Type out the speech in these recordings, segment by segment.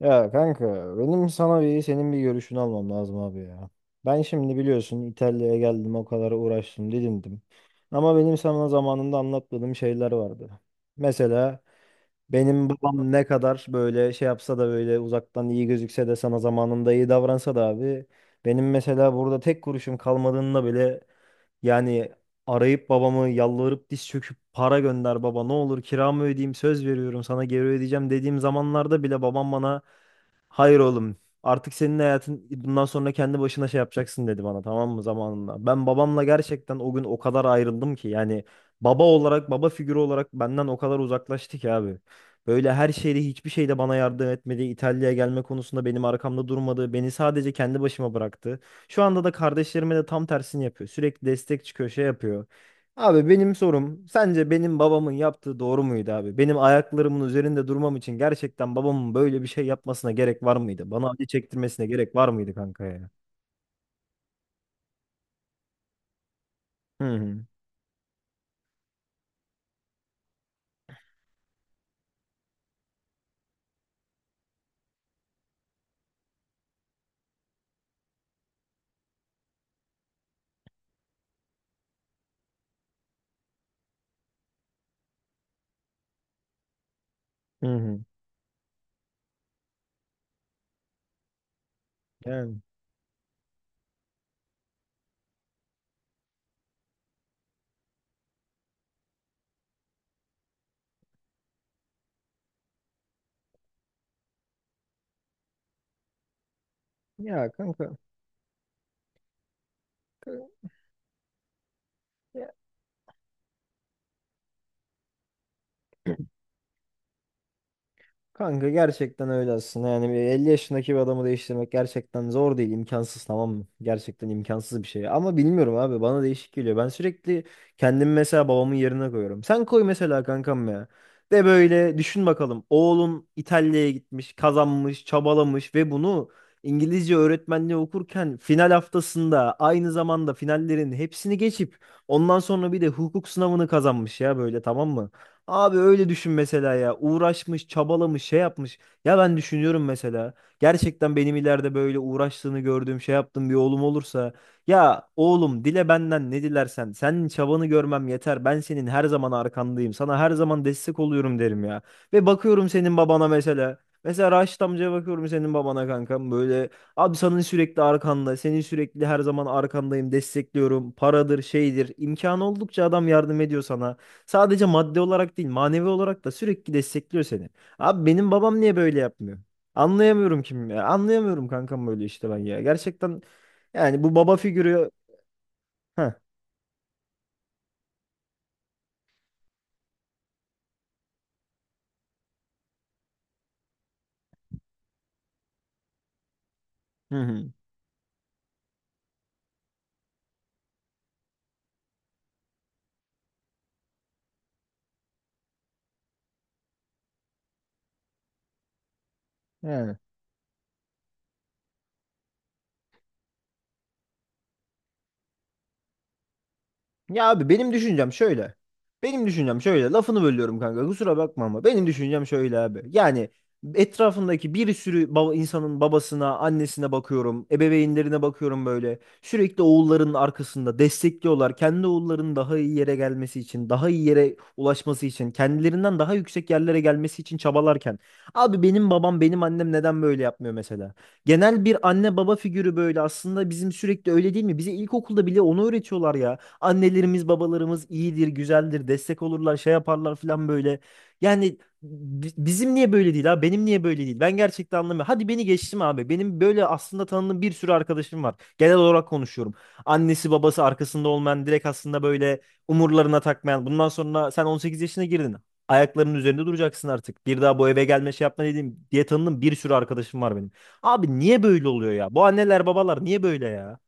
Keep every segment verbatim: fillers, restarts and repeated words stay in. Ya kanka, benim sana bir senin bir görüşünü almam lazım abi ya. Ben şimdi biliyorsun İtalya'ya geldim, o kadar uğraştım, didindim. Ama benim sana zamanında anlatmadığım şeyler vardı. Mesela benim babam ne kadar böyle şey yapsa da, böyle uzaktan iyi gözükse de, sana zamanında iyi davransa da abi. Benim mesela burada tek kuruşum kalmadığında bile, yani arayıp babamı, yalvarıp, diz çöküp, "Para gönder baba, ne olur kiramı ödeyeyim, söz veriyorum sana geri ödeyeceğim" dediğim zamanlarda bile babam bana, "Hayır oğlum. Artık senin hayatın, bundan sonra kendi başına şey yapacaksın" dedi bana, tamam mı, zamanında. Ben babamla gerçekten o gün o kadar ayrıldım ki, yani baba olarak, baba figürü olarak benden o kadar uzaklaştı ki abi. Böyle her şeyde, hiçbir şeyde bana yardım etmedi. İtalya'ya gelme konusunda benim arkamda durmadı. Beni sadece kendi başıma bıraktı. Şu anda da kardeşlerime de tam tersini yapıyor. Sürekli destek çıkıyor, şey yapıyor. Abi benim sorum, sence benim babamın yaptığı doğru muydu abi? Benim ayaklarımın üzerinde durmam için gerçekten babamın böyle bir şey yapmasına gerek var mıydı? Bana acı çektirmesine gerek var mıydı kanka ya? Hı hı. Hı hı. Yani ya kanka. Kanka, kanka gerçekten öyle aslında. Yani bir elli yaşındaki bir adamı değiştirmek gerçekten zor değil, imkansız, tamam mı? Gerçekten imkansız bir şey. Ama bilmiyorum abi, bana değişik geliyor. Ben sürekli kendimi mesela babamın yerine koyuyorum. Sen koy mesela kankam ya. De böyle düşün bakalım. Oğlun İtalya'ya gitmiş, kazanmış, çabalamış ve bunu İngilizce öğretmenliği okurken final haftasında aynı zamanda finallerin hepsini geçip ondan sonra bir de hukuk sınavını kazanmış ya, böyle, tamam mı? Abi öyle düşün mesela ya. Uğraşmış, çabalamış, şey yapmış. Ya ben düşünüyorum mesela. Gerçekten benim ileride böyle uğraştığını gördüğüm, şey yaptığım bir oğlum olursa. Ya oğlum, dile benden ne dilersen. Senin çabanı görmem yeter. Ben senin her zaman arkandayım. Sana her zaman destek oluyorum derim ya. Ve bakıyorum senin babana mesela. Mesela Raşit amcaya bakıyorum, senin babana kankam, böyle abi senin sürekli arkanda, senin sürekli her zaman arkandayım, destekliyorum, paradır şeydir, imkanı oldukça adam yardım ediyor sana. Sadece madde olarak değil, manevi olarak da sürekli destekliyor seni. Abi benim babam niye böyle yapmıyor? Anlayamıyorum kim ya. Anlayamıyorum kankam, böyle işte ben ya. Gerçekten yani bu baba figürü. Heh, hı hı. Yani. Ya abi benim düşüncem şöyle. Benim düşüncem şöyle. Lafını bölüyorum kanka, kusura bakma, ama benim düşüncem şöyle abi. Yani etrafındaki bir sürü baba, insanın babasına, annesine bakıyorum, ebeveynlerine bakıyorum böyle. Sürekli oğullarının arkasında destekliyorlar. Kendi oğullarının daha iyi yere gelmesi için, daha iyi yere ulaşması için, kendilerinden daha yüksek yerlere gelmesi için çabalarken, abi benim babam, benim annem neden böyle yapmıyor mesela? Genel bir anne baba figürü böyle aslında bizim, sürekli öyle değil mi? Bize ilkokulda bile onu öğretiyorlar ya. Annelerimiz, babalarımız iyidir, güzeldir, destek olurlar, şey yaparlar falan böyle. Yani bi- bizim niye böyle değil abi? Benim niye böyle değil? Ben gerçekten anlamıyorum. Hadi beni geçtim abi. Benim böyle aslında tanıdığım bir sürü arkadaşım var. Genel olarak konuşuyorum. Annesi, babası arkasında olmayan, direkt aslında böyle umurlarına takmayan. "Bundan sonra sen on sekiz yaşına girdin. Ayaklarının üzerinde duracaksın artık. Bir daha bu eve gelme, şey yapma" dediğim diye tanıdığım bir sürü arkadaşım var benim. Abi niye böyle oluyor ya? Bu anneler babalar niye böyle ya?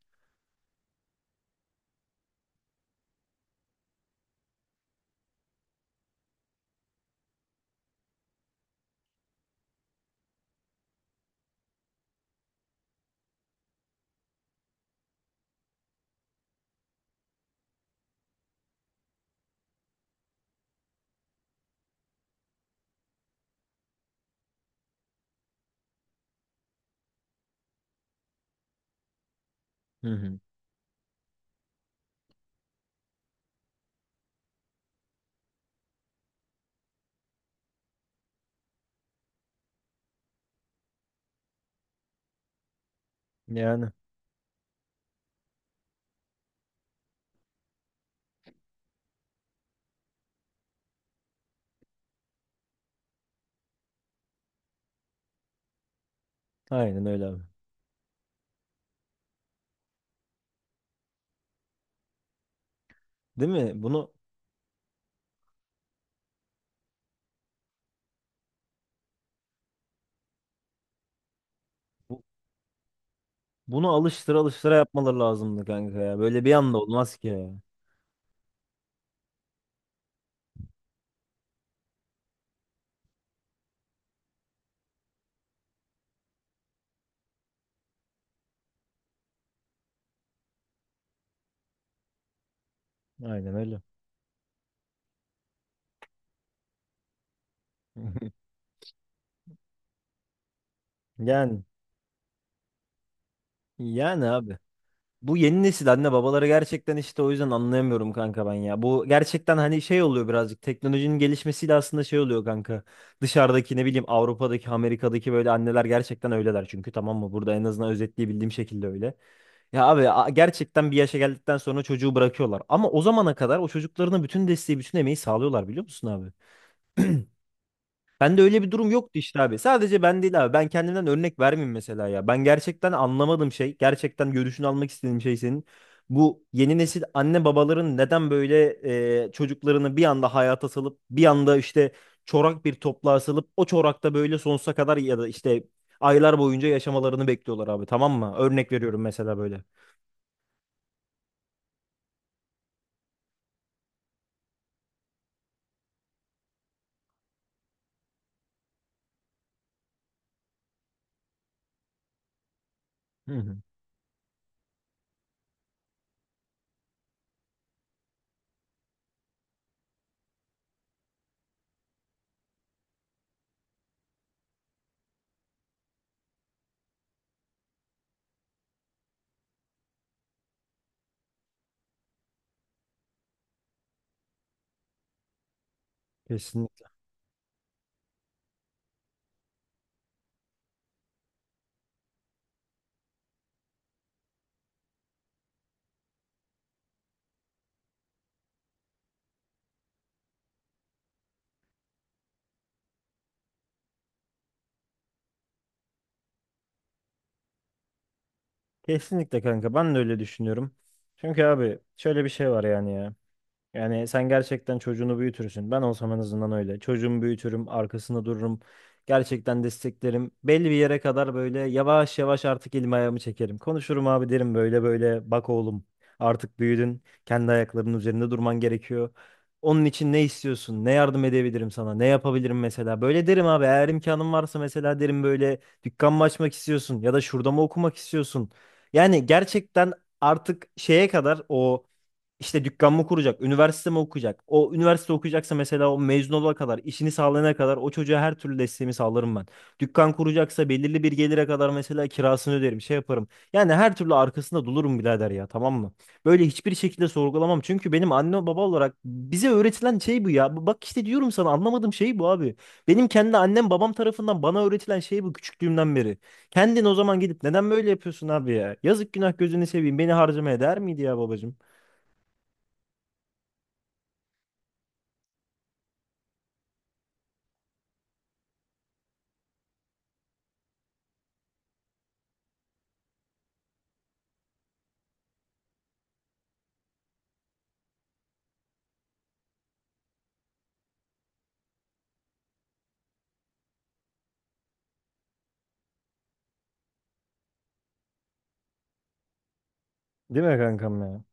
Hı hı. Yani aynen öyle abi. Değil mi? Bunu bu- Bunu alıştıra alıştıra yapmaları lazımdı kanka ya. Böyle bir anda olmaz ki ya. Aynen öyle. Yani yani abi. Bu yeni nesil anne babaları gerçekten işte o yüzden anlayamıyorum kanka ben ya. Bu gerçekten hani şey oluyor, birazcık teknolojinin gelişmesiyle aslında şey oluyor kanka. Dışarıdaki ne bileyim Avrupa'daki, Amerika'daki böyle anneler gerçekten öyleler çünkü, tamam mı? Burada en azından özetleyebildiğim şekilde öyle. Ya abi a- gerçekten bir yaşa geldikten sonra çocuğu bırakıyorlar. Ama o zamana kadar o çocuklarına bütün desteği, bütün emeği sağlıyorlar, biliyor musun abi? Bende öyle bir durum yoktu işte abi. Sadece ben değil abi. Ben kendimden örnek vermeyeyim mesela ya. Ben gerçekten anlamadım şey, gerçekten görüşünü almak istediğim şey senin. Bu yeni nesil anne babaların neden böyle, e, çocuklarını bir anda hayata salıp, bir anda işte çorak bir topluğa salıp, o çorakta böyle sonsuza kadar ya da işte aylar boyunca yaşamalarını bekliyorlar abi, tamam mı? Örnek veriyorum mesela böyle. Hı hı. Kesinlikle. Kesinlikle kanka, ben de öyle düşünüyorum. Çünkü abi şöyle bir şey var yani ya. Yani sen gerçekten çocuğunu büyütürsün. Ben olsam en azından öyle. Çocuğumu büyütürüm, arkasında dururum. Gerçekten desteklerim. Belli bir yere kadar böyle yavaş yavaş artık elimi ayağımı çekerim. Konuşurum abi, derim böyle böyle. Bak oğlum, artık büyüdün. Kendi ayaklarının üzerinde durman gerekiyor. Onun için ne istiyorsun? Ne yardım edebilirim sana? Ne yapabilirim mesela? Böyle derim abi. Eğer imkanım varsa mesela derim, böyle dükkan mı açmak istiyorsun? Ya da şurada mı okumak istiyorsun? Yani gerçekten artık şeye kadar o işte, dükkan mı kuracak, üniversite mi okuyacak? O üniversite okuyacaksa mesela o mezun olana kadar, işini sağlayana kadar o çocuğa her türlü desteğimi sağlarım ben. Dükkan kuracaksa belirli bir gelire kadar mesela kirasını öderim, şey yaparım. Yani her türlü arkasında dolurum birader ya, tamam mı? Böyle hiçbir şekilde sorgulamam. Çünkü benim anne baba olarak bize öğretilen şey bu ya. B- Bak işte, diyorum sana, anlamadığım şey bu abi. Benim kendi annem babam tarafından bana öğretilen şey bu küçüklüğümden beri. Kendin o zaman gidip neden böyle yapıyorsun abi ya? Yazık, günah, gözünü seveyim, beni harcamaya değer miydi ya babacığım? Değil mi kankam ya?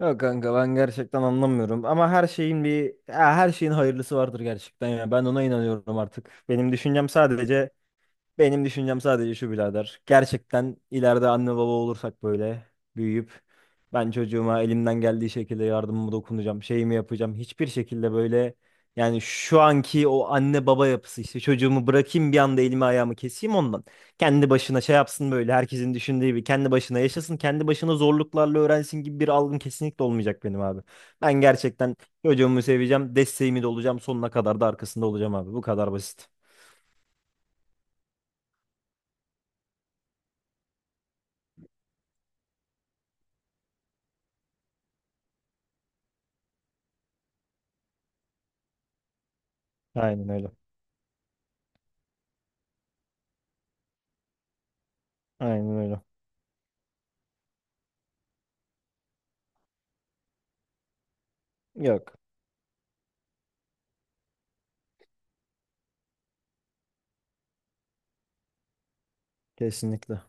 Yok kanka, ben gerçekten anlamıyorum, ama her şeyin bir, ya her şeyin hayırlısı vardır gerçekten ya. Ben ona inanıyorum artık. Benim düşüncem sadece Benim düşüncem sadece şu birader. Gerçekten ileride anne baba olursak böyle büyüyüp, ben çocuğuma elimden geldiği şekilde yardımımı dokunacağım, şeyimi yapacağım. Hiçbir şekilde böyle, yani şu anki o anne baba yapısı işte, çocuğumu bırakayım bir anda, elimi ayağımı keseyim ondan. Kendi başına şey yapsın, böyle herkesin düşündüğü gibi kendi başına yaşasın, kendi başına zorluklarla öğrensin gibi bir algım kesinlikle olmayacak benim abi. Ben gerçekten çocuğumu seveceğim, desteğimi de olacağım, sonuna kadar da arkasında olacağım abi. Bu kadar basit. Aynen öyle. Aynen öyle. Yok. Kesinlikle.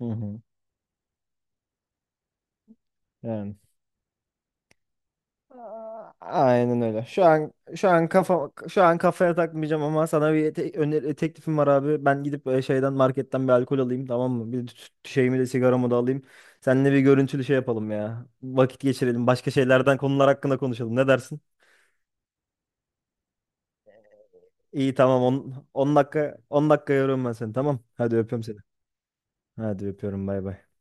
Hı hı. Yani. a- Aynen öyle. Şu an şu an kafa şu an kafaya takmayacağım, ama sana bir te- öneri, teklifim var abi. Ben gidip e, şeyden, marketten bir alkol alayım, tamam mı? Bir tüt- şeyimi de, sigaramı da alayım. Seninle bir görüntülü şey yapalım ya. Vakit geçirelim. Başka şeylerden, konular hakkında konuşalım. Ne dersin? İyi, tamam, 10 on dakika, on dakika yoruyorum ben seni, tamam. Hadi öpüyorum seni. Hadi öpüyorum, bay bay.